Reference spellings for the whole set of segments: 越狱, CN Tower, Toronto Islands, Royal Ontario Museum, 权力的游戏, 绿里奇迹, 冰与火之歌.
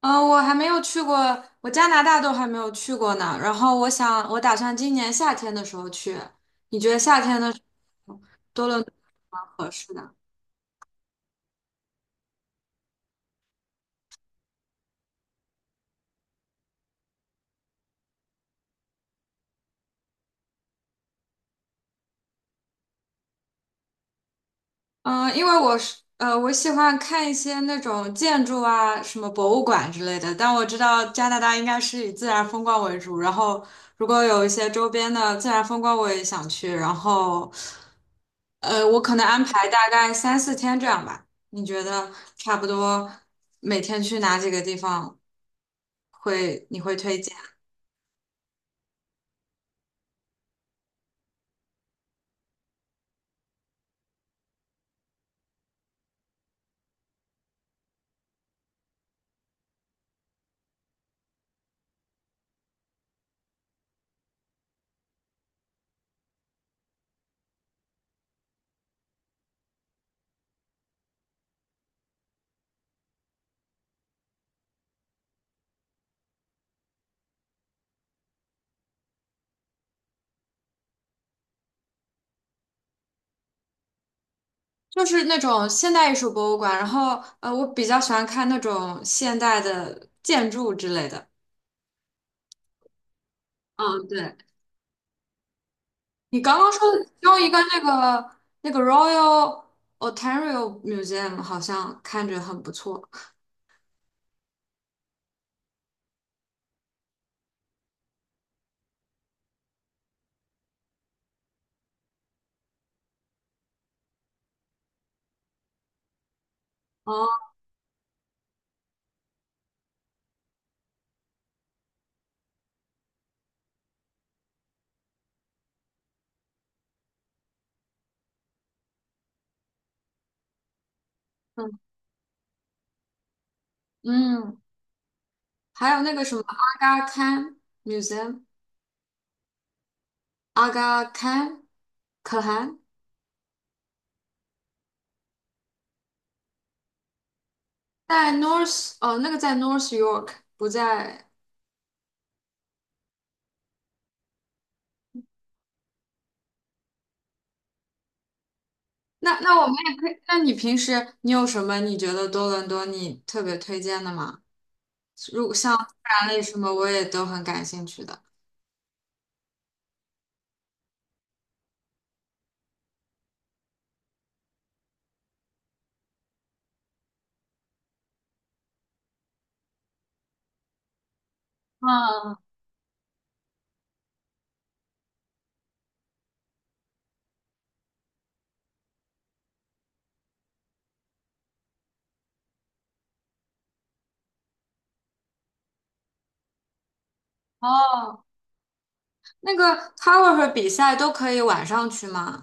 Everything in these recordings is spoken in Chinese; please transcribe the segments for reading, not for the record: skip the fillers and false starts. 嗯，我还没有去过，我加拿大都还没有去过呢。然后我打算今年夏天的时候去。你觉得夏天的时候多伦多合适呢？因为我喜欢看一些那种建筑啊，什么博物馆之类的。但我知道加拿大应该是以自然风光为主，然后如果有一些周边的自然风光，我也想去。然后，我可能安排大概三四天这样吧。你觉得差不多每天去哪几个地方你会推荐？就是那种现代艺术博物馆，然后我比较喜欢看那种现代的建筑之类的。嗯，对。你刚刚说的用一个那个 Royal Ontario Museum 好像看着很不错哦，嗯嗯，还有那个什么阿嘎堪 Museum,阿嘎堪可汗在 North 哦，那个在 North York 不在。那我们也可以，那你平时你有什么你觉得多伦多你特别推荐的吗？如像自然类什么我也都很感兴趣的。嗯，哦，那个 tower 和比赛都可以晚上去吗？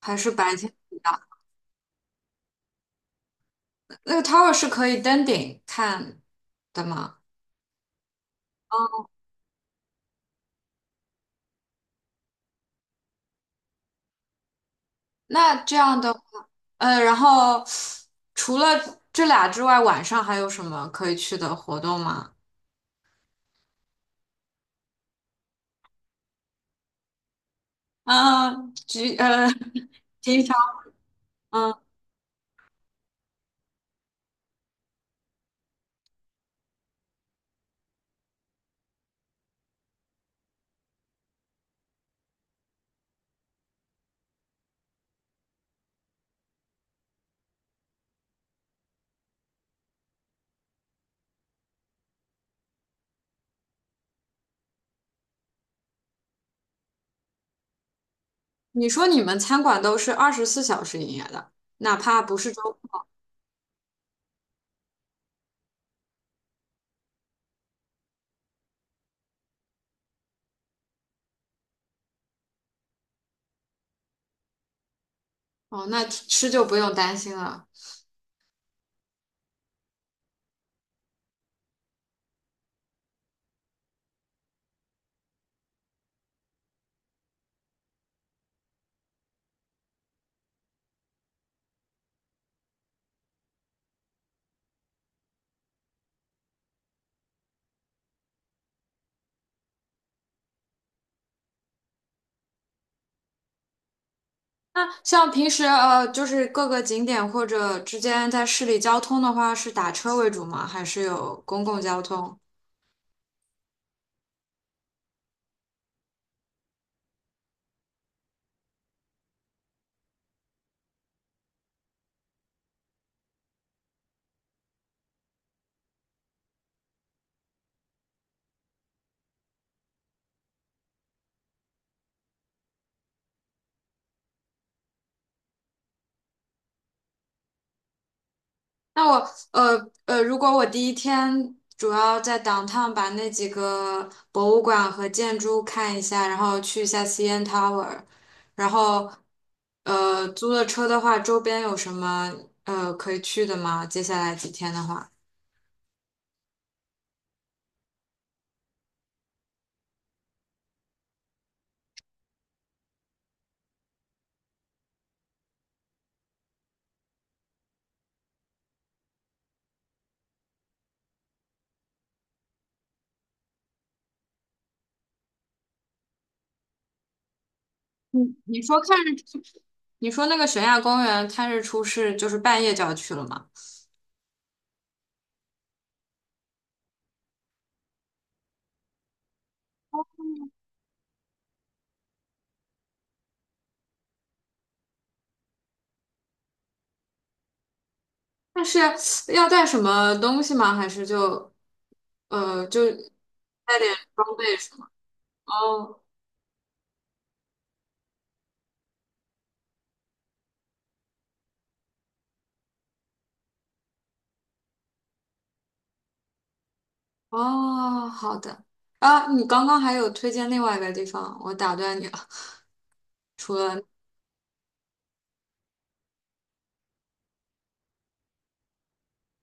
还是白天比较那个 tower 是可以登顶看的吗？那这样的话，然后除了这俩之外，晚上还有什么可以去的活动吗？嗯，局呃，平常嗯，你说你们餐馆都是二十四小时营业的，哪怕不是周，哦，那吃就不用担心了。那像平时就是各个景点或者之间在市里交通的话，是打车为主吗？还是有公共交通？那我如果我第一天主要在 downtown 把那几个博物馆和建筑看一下，然后去一下 CN Tower,然后租了车的话，周边有什么可以去的吗？接下来几天的话，你你说看日出，你说那个悬崖公园看日出是就是半夜就要去了吗？但是要带什么东西吗？还是就带点装备什么？哦哦。好的。啊，你刚刚还有推荐另外一个地方，我打断你了。除了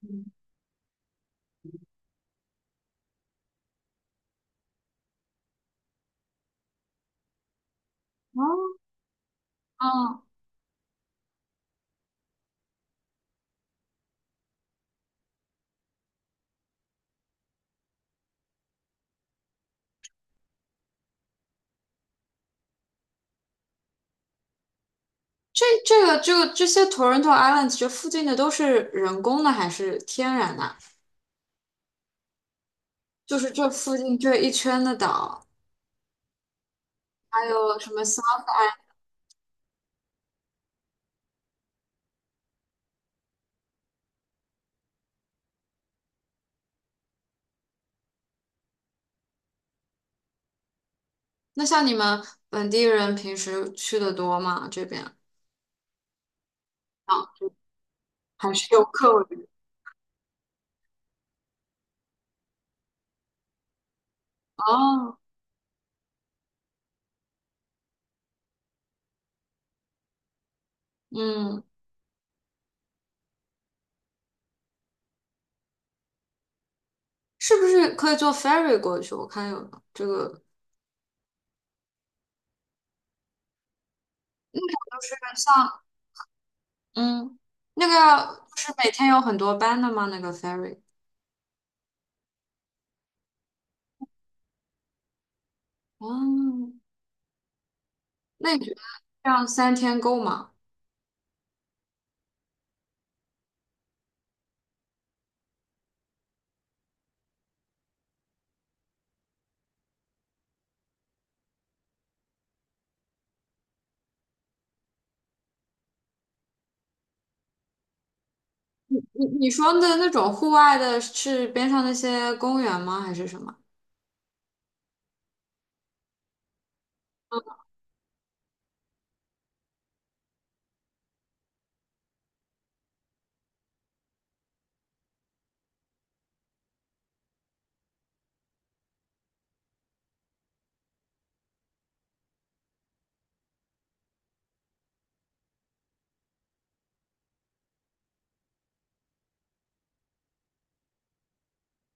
嗯哦哦，这这个就这些 Toronto Islands 这附近的都是人工的还是天然的？就是这附近这一圈的岛，还有什么 s 那像你们本地人平时去的多吗？这边啊，还是游客为主哦，嗯。是不是可以坐 ferry 过去？我看有的这个，这个像，嗯，那个要就是每天有很多班的吗？那个 ferry,嗯，那你觉得这样三天够吗？你你说的那种户外的是边上那些公园吗？还是什么？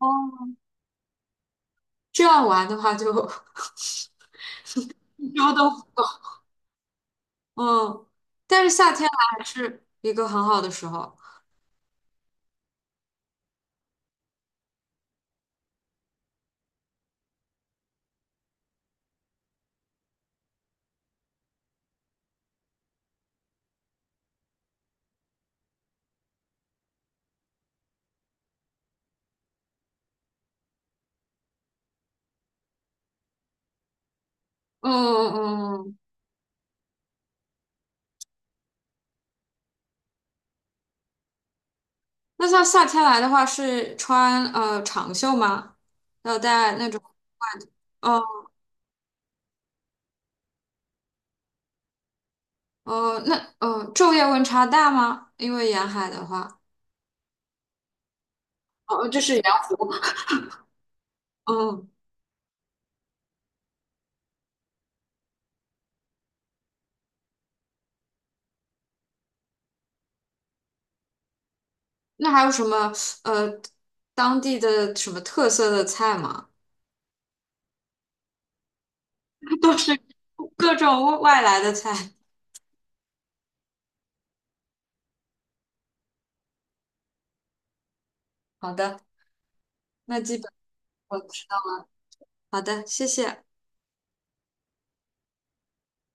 哦，这样玩的话就 一周都不够嗯，但是夏天来还是一个很好的时候，嗯嗯嗯。那像夏天来的话，是穿长袖吗？要带那种外套？哦哦，那昼夜温差大吗？因为沿海的话，哦，就是沿，嗯，那还有什么呃当地的什么特色的菜吗？都是各种外来的菜。好的，那基本我知道。好的，谢谢。